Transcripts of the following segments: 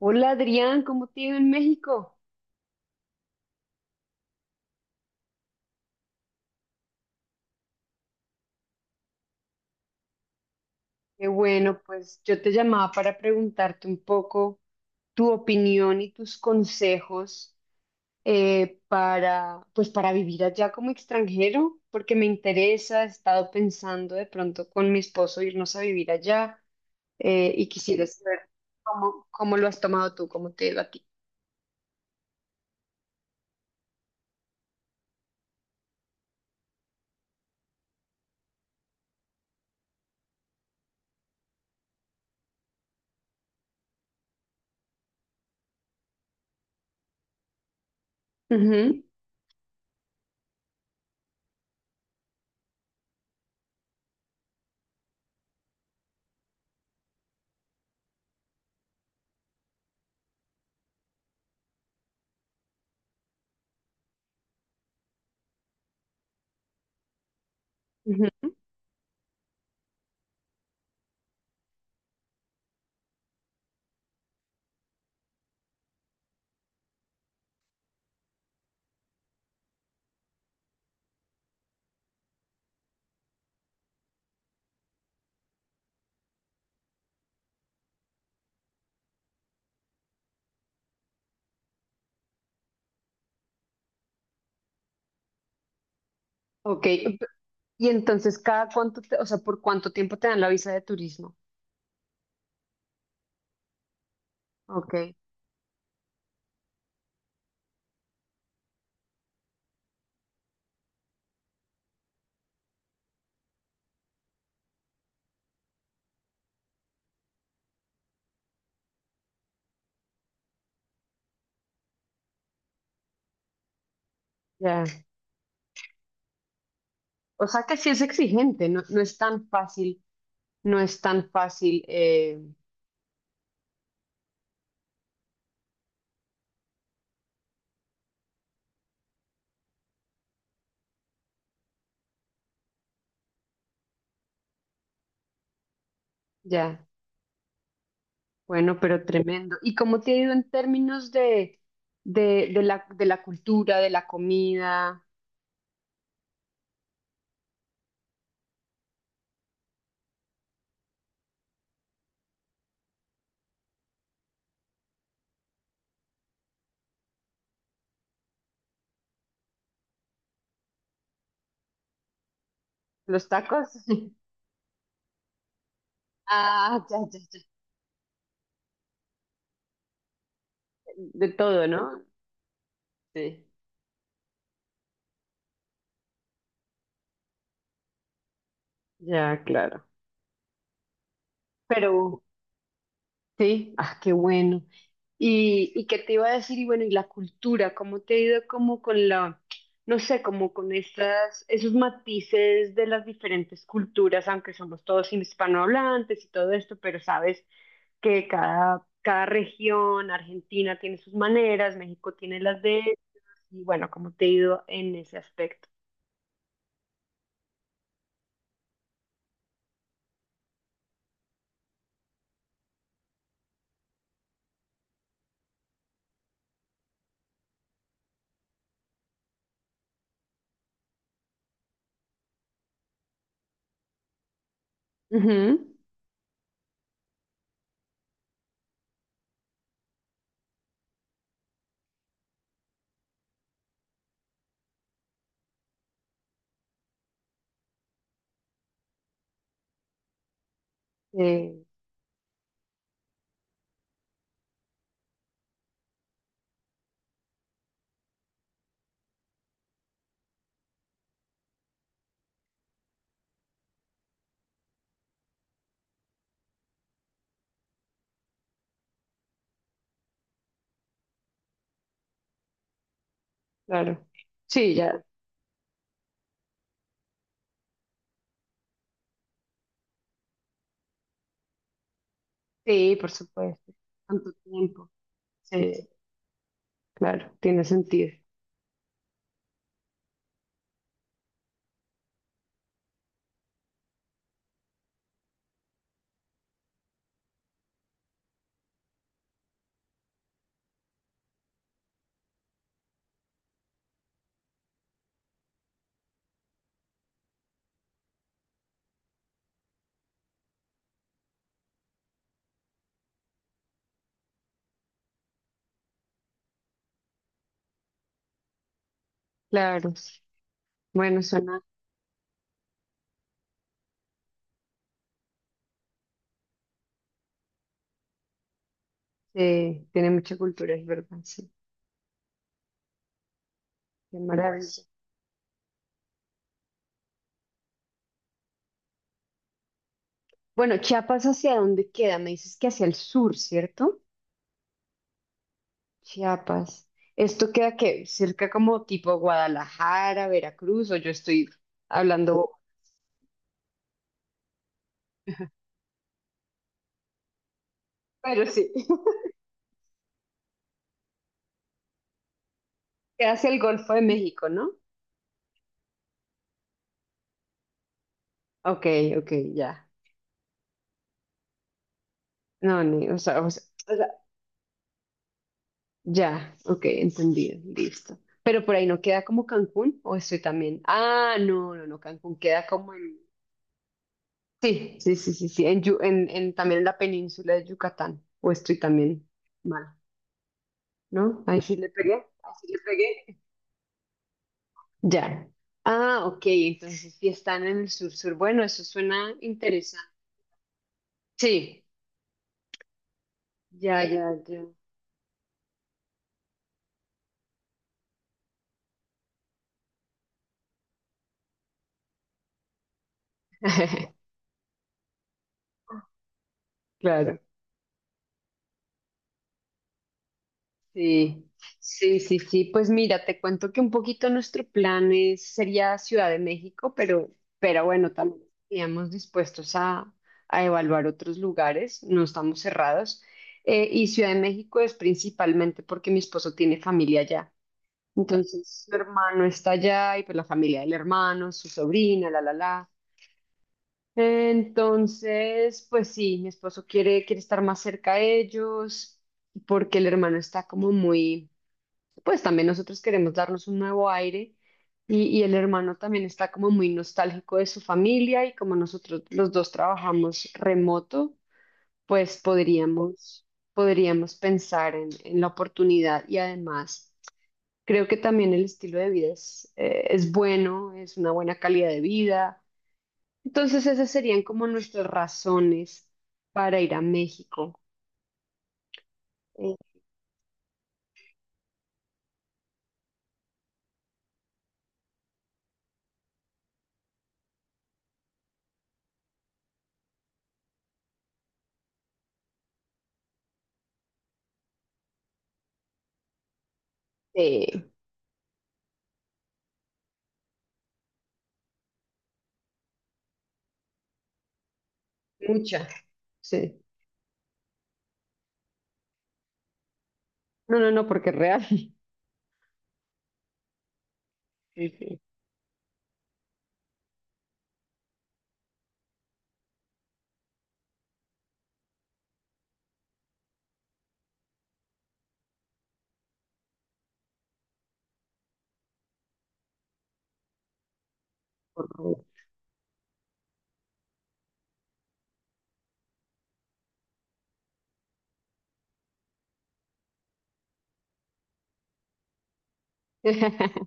Hola Adrián, ¿cómo te ha ido en México? Qué bueno, pues yo te llamaba para preguntarte un poco tu opinión y tus consejos para, pues para vivir allá como extranjero, porque me interesa, he estado pensando de pronto con mi esposo irnos a vivir allá, y quisiera saber cómo, cómo lo has tomado tú, cómo te ha ido a ti. Ujú, ujú. Ok, y entonces cada cuánto, o sea, ¿por cuánto tiempo te dan la visa de turismo? Ok, ya. O sea que sí es exigente, no, no es tan fácil, no es tan fácil, ya, bueno, pero tremendo. ¿Y cómo te ha ido en términos de la cultura, de la comida, los tacos? Ah, ya, ya, ya. De todo, ¿no? Sí, ya, claro. Pero sí, ah, qué bueno. Y qué te iba a decir, y bueno, y la cultura, ¿cómo te ha ido como con la, no sé, como con estas, esos matices de las diferentes culturas, aunque somos todos hispanohablantes y todo esto, pero sabes que cada, cada región, Argentina tiene sus maneras, México tiene las de ellos, y bueno, ¿cómo te ha ido en ese aspecto? Ujú, eh, claro. Sí, ya. Sí, por supuesto. Tanto tiempo. Sí. Claro, tiene sentido. Claro. Bueno, suena, tiene mucha cultura, es verdad, sí. Qué maravilla. Bueno, Chiapas, ¿hacia dónde queda? Me dices que hacia el sur, ¿cierto? Chiapas. ¿Esto queda qué? Cerca como tipo Guadalajara, Veracruz, o yo estoy hablando, pero sí. ¿Queda hacia el Golfo de México, no? Ok, ok, ya. No, ni, o sea, ya, ok, entendido, listo. Pero por ahí no queda como Cancún, o estoy también. Ah, no, no, no, Cancún queda como en. Sí, sí, sí, sí, sí, en, en, también en la península de Yucatán, o estoy también mal, ¿no? Ahí sí le pegué, ahí sí le pegué. Ya. Ah, ok, entonces sí están en el sur, sur. Bueno, eso suena interesante. Sí, ya, ya, ya. Claro. Sí, sí, sí, sí. Pues mira, te cuento que un poquito nuestro plan es, sería Ciudad de México, pero bueno, también estaríamos dispuestos a evaluar otros lugares, no estamos cerrados. Y Ciudad de México es principalmente porque mi esposo tiene familia allá. Entonces, su hermano está allá y pues la familia del hermano, su sobrina, la, la, la. Entonces, pues sí, mi esposo quiere, quiere estar más cerca de ellos porque el hermano está como muy, pues también nosotros queremos darnos un nuevo aire y el hermano también está como muy nostálgico de su familia y como nosotros los dos trabajamos remoto, pues podríamos, podríamos pensar en la oportunidad y además creo que también el estilo de vida es bueno, es una buena calidad de vida. Entonces esas serían como nuestras razones para ir a México. Este, muchas. Sí. No, no, no, porque es real. Sí, sí. Por favor.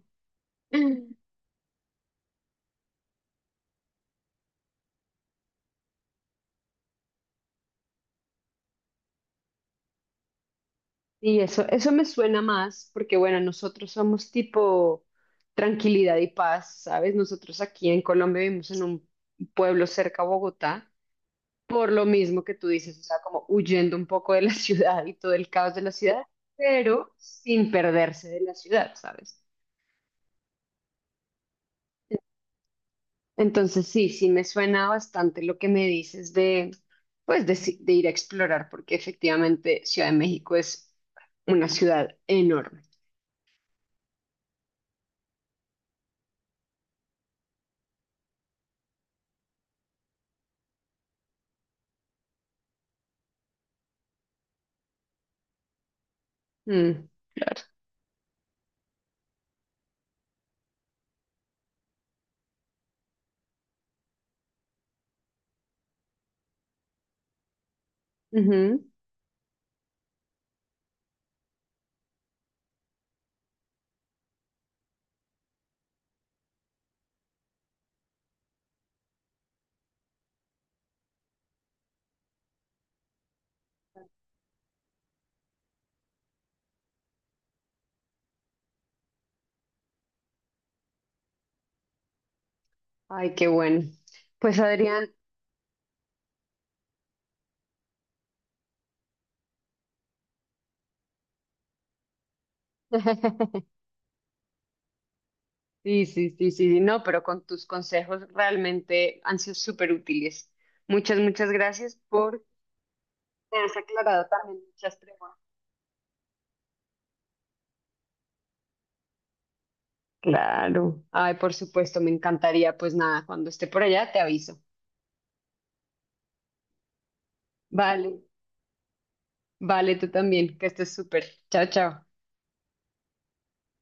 Y eso me suena más porque, bueno, nosotros somos tipo tranquilidad y paz, ¿sabes? Nosotros aquí en Colombia vivimos en un pueblo cerca a Bogotá, por lo mismo que tú dices, o sea, como huyendo un poco de la ciudad y todo el caos de la ciudad, pero sin perderse de la ciudad, ¿sabes? Entonces sí, sí me suena bastante lo que me dices de, pues, de, de ir a explorar, porque efectivamente Ciudad de México es una ciudad enorme. Mm, claro. Ujú. Ay, qué bueno. Pues Adrián, sí, sí, sí, sí, sí, no, pero con tus consejos realmente han sido súper útiles. Muchas, muchas gracias por, me has aclarado también muchas preguntas. Claro. Ay, por supuesto, me encantaría. Pues nada, cuando esté por allá te aviso. Vale, vale, tú también, que estés súper. Chao, chao.